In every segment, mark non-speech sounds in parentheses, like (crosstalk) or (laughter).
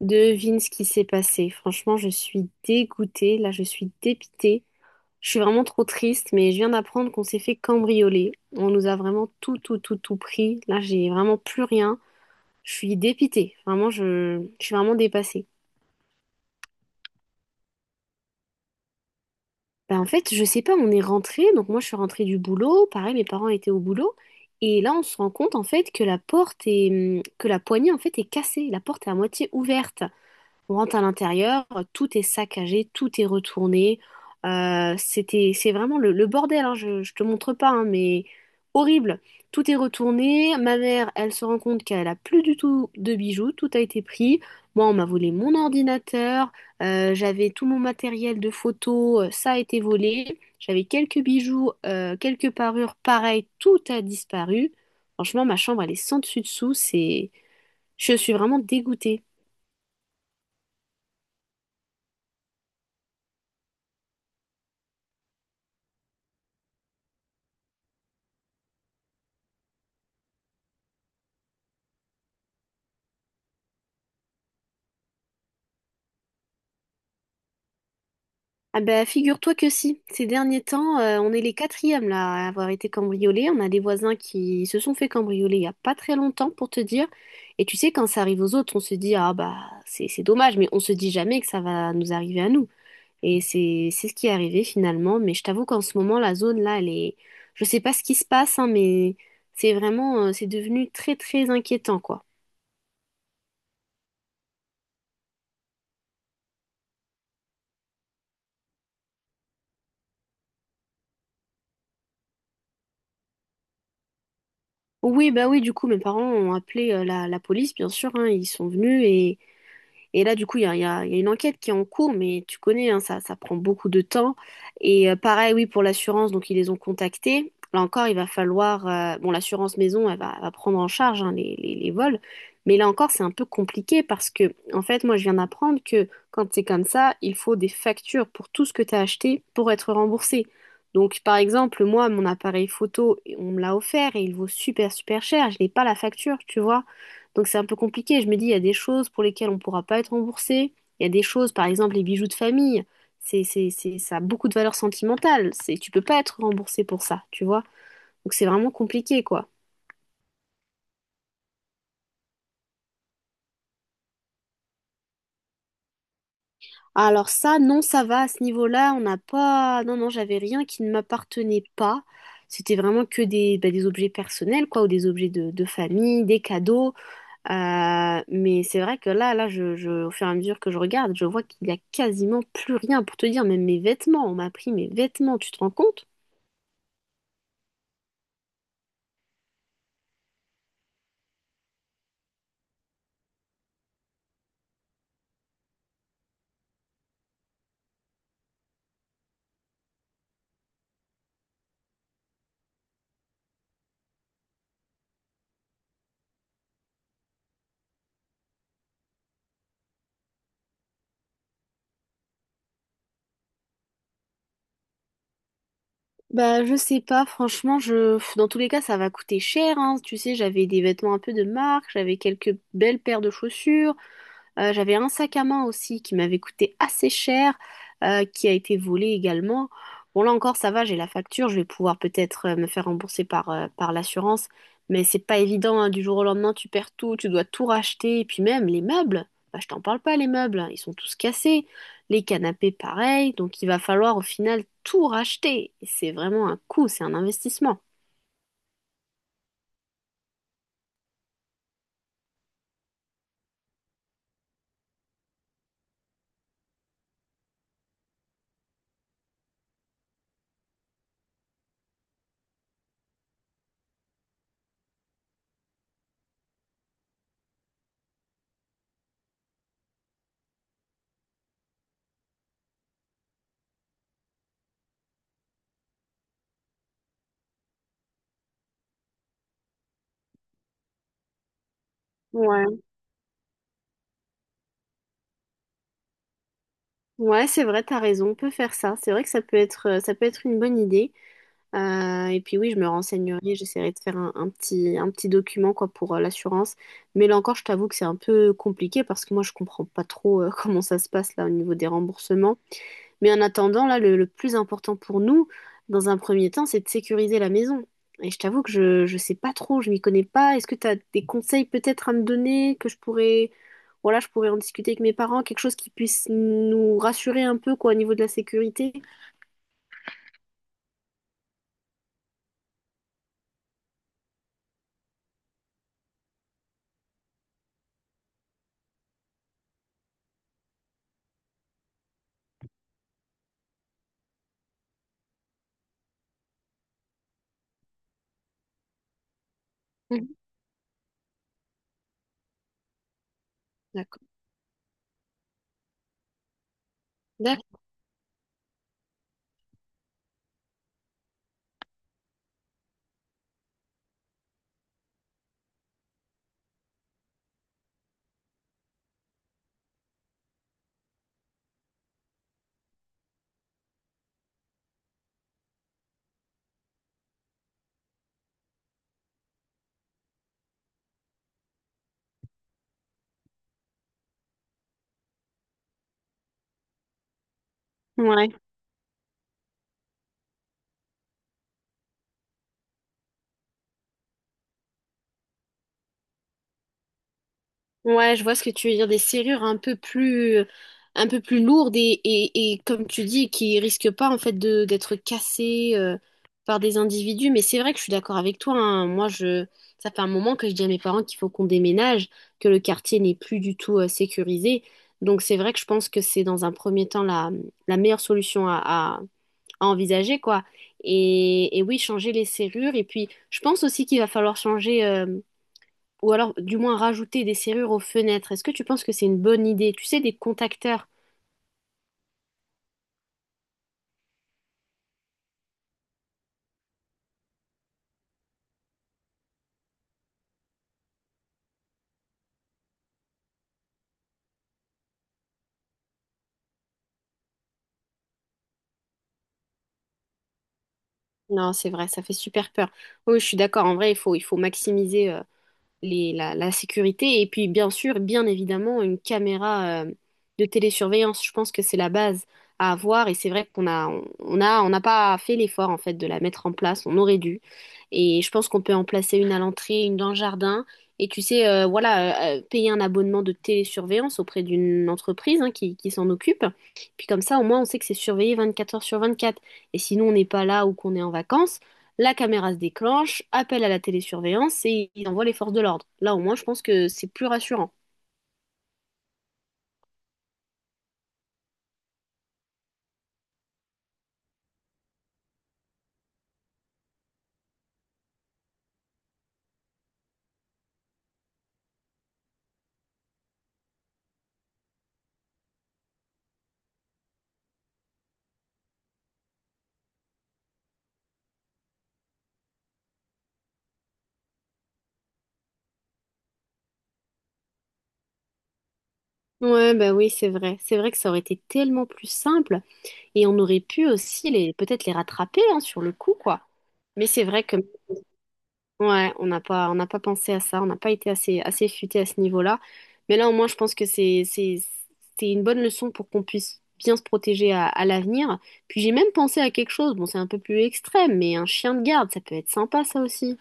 Devine ce qui s'est passé. Franchement, je suis dégoûtée. Là, je suis dépitée. Je suis vraiment trop triste, mais je viens d'apprendre qu'on s'est fait cambrioler. On nous a vraiment tout, tout, tout, tout pris. Là, j'ai vraiment plus rien. Je suis dépitée. Vraiment, je suis vraiment dépassée. Bah, en fait, je sais pas, on est rentré. Donc, moi, je suis rentrée du boulot. Pareil, mes parents étaient au boulot. Et là, on se rend compte, en fait, que que la poignée, en fait, est cassée. La porte est à moitié ouverte. On rentre à l'intérieur, tout est saccagé, tout est retourné. C'est vraiment le bordel, hein, je te montre pas, hein, mais horrible. Tout est retourné. Ma mère, elle se rend compte qu'elle a plus du tout de bijoux, tout a été pris. Moi, on m'a volé mon ordinateur, j'avais tout mon matériel de photo, ça a été volé. J'avais quelques bijoux, quelques parures, pareil, tout a disparu. Franchement, ma chambre, elle est sans dessus dessous. Je suis vraiment dégoûtée. Ah bah figure-toi que si. Ces derniers temps, on est les quatrièmes là à avoir été cambriolés. On a des voisins qui se sont fait cambrioler il n'y a pas très longtemps pour te dire. Et tu sais, quand ça arrive aux autres, on se dit ah bah c'est dommage, mais on se dit jamais que ça va nous arriver à nous. Et c'est ce qui est arrivé finalement. Mais je t'avoue qu'en ce moment, la zone là, elle est. Je sais pas ce qui se passe, hein, mais c'est vraiment c'est devenu très très inquiétant quoi. Oui, bah oui, du coup, mes parents ont appelé la police, bien sûr, hein, ils sont venus. Et là, du coup, il y a une enquête qui est en cours, mais tu connais, hein, ça prend beaucoup de temps. Et pareil, oui, pour l'assurance, donc ils les ont contactés. Là encore, il va falloir... bon, l'assurance maison, elle va prendre en charge hein, les vols. Mais là encore, c'est un peu compliqué parce que, en fait, moi, je viens d'apprendre que quand c'est comme ça, il faut des factures pour tout ce que tu as acheté pour être remboursé. Donc, par exemple, moi, mon appareil photo, on me l'a offert et il vaut super, super cher. Je n'ai pas la facture, tu vois. Donc c'est un peu compliqué. Je me dis, il y a des choses pour lesquelles on ne pourra pas être remboursé. Il y a des choses, par exemple, les bijoux de famille. Ça a beaucoup de valeur sentimentale. C'est, tu peux pas être remboursé pour ça, tu vois. Donc c'est vraiment compliqué, quoi. Alors ça, non, ça va. À ce niveau-là, on n'a pas... Non, non, j'avais rien qui ne m'appartenait pas. C'était vraiment que des, bah, des objets personnels, quoi, ou des objets de famille, des cadeaux. Mais c'est vrai que là, au fur et à mesure que je regarde, je vois qu'il y a quasiment plus rien pour te dire, même mes vêtements, on m'a pris mes vêtements, tu te rends compte? Bah, je sais pas, franchement, dans tous les cas, ça va coûter cher, hein. Tu sais, j'avais des vêtements un peu de marque, j'avais quelques belles paires de chaussures. J'avais un sac à main aussi qui m'avait coûté assez cher, qui a été volé également. Bon, là encore, ça va, j'ai la facture, je vais pouvoir peut-être me faire rembourser par l'assurance, mais c'est pas évident, hein, du jour au lendemain, tu perds tout, tu dois tout racheter, et puis même les meubles, bah, je t'en parle pas, les meubles, ils sont tous cassés, les canapés pareil, donc il va falloir au final tout racheter. Et c'est vraiment un coût, c'est un investissement. Ouais, ouais, c'est vrai, t'as raison, on peut faire ça. C'est vrai que ça peut être une bonne idée. Et puis oui, je me renseignerai, j'essaierai de faire un petit document quoi, pour l'assurance. Mais là encore, je t'avoue que c'est un peu compliqué parce que moi, je comprends pas trop (laughs) comment ça se passe là au niveau des remboursements. Mais en attendant, là, le plus important pour nous, dans un premier temps, c'est de sécuriser la maison. Et je t'avoue que je sais pas trop, je m'y connais pas. Est-ce que tu as des conseils peut-être à me donner que je pourrais, voilà, je pourrais en discuter avec mes parents, quelque chose qui puisse nous rassurer un peu quoi, au niveau de la sécurité? Mhm. D'accord. D'accord. Ouais. Ouais, je vois ce que tu veux dire, des serrures un peu plus lourdes et comme tu dis, qui risquent pas en fait de d'être cassées par des individus. Mais c'est vrai que je suis d'accord avec toi, hein. Ça fait un moment que je dis à mes parents qu'il faut qu'on déménage, que le quartier n'est plus du tout sécurisé. Donc c'est vrai que je pense que c'est dans un premier temps la meilleure solution à envisager, quoi. Et oui, changer les serrures. Et puis, je pense aussi qu'il va falloir changer. Ou alors du moins rajouter des serrures aux fenêtres. Est-ce que tu penses que c'est une bonne idée? Tu sais, des contacteurs. Non, c'est vrai, ça fait super peur. Oui, je suis d'accord. En vrai, il faut maximiser. La sécurité et puis bien sûr, bien évidemment, une caméra de télésurveillance. Je pense que c'est la base à avoir et c'est vrai qu'on a, on a, on n'a pas fait l'effort en fait de la mettre en place. On aurait dû. Et je pense qu'on peut en placer une à l'entrée, une dans le jardin. Et tu sais, payer un abonnement de télésurveillance auprès d'une entreprise hein, qui s'en occupe. Puis comme ça, au moins, on sait que c'est surveillé 24 heures sur 24. Et sinon, on n'est pas là ou qu'on est en vacances. La caméra se déclenche, appel à la télésurveillance et ils envoient les forces de l'ordre. Là, au moins, je pense que c'est plus rassurant. Ouais, bah oui, c'est vrai. C'est vrai que ça aurait été tellement plus simple et on aurait pu aussi les peut-être les rattraper hein, sur le coup, quoi. Mais c'est vrai que ouais, on n'a pas pensé à ça, on n'a pas été assez futé à ce niveau-là. Mais là, au moins, je pense que c'est une bonne leçon pour qu'on puisse bien se protéger à l'avenir. Puis j'ai même pensé à quelque chose. Bon, c'est un peu plus extrême, mais un chien de garde, ça peut être sympa, ça aussi.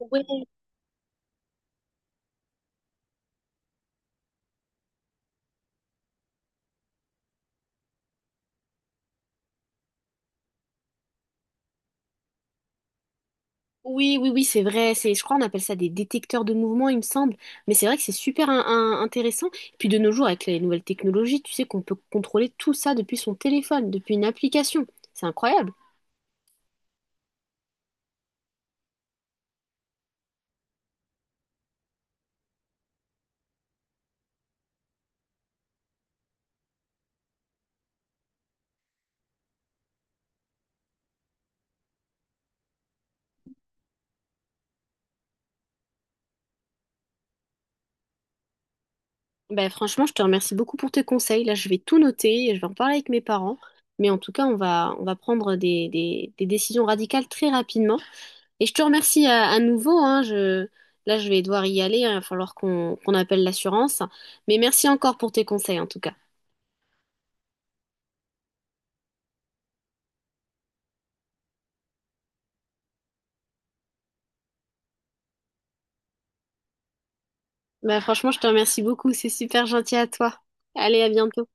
Ouais. Oui, oui, oui, c'est vrai. C'est, je crois, on appelle ça des détecteurs de mouvement, il me semble. Mais c'est vrai que c'est super intéressant. Puis de nos jours, avec les nouvelles technologies, tu sais qu'on peut contrôler tout ça depuis son téléphone, depuis une application. C'est incroyable. Ben, franchement, je te remercie beaucoup pour tes conseils. Là, je vais tout noter et je vais en parler avec mes parents. Mais en tout cas, on va prendre des décisions radicales très rapidement. Et je te remercie à nouveau, hein. Là, je vais devoir y aller, hein. Il va falloir qu'on appelle l'assurance. Mais merci encore pour tes conseils, en tout cas. Bah, franchement, je te remercie beaucoup. C'est super gentil à toi. Allez, à bientôt.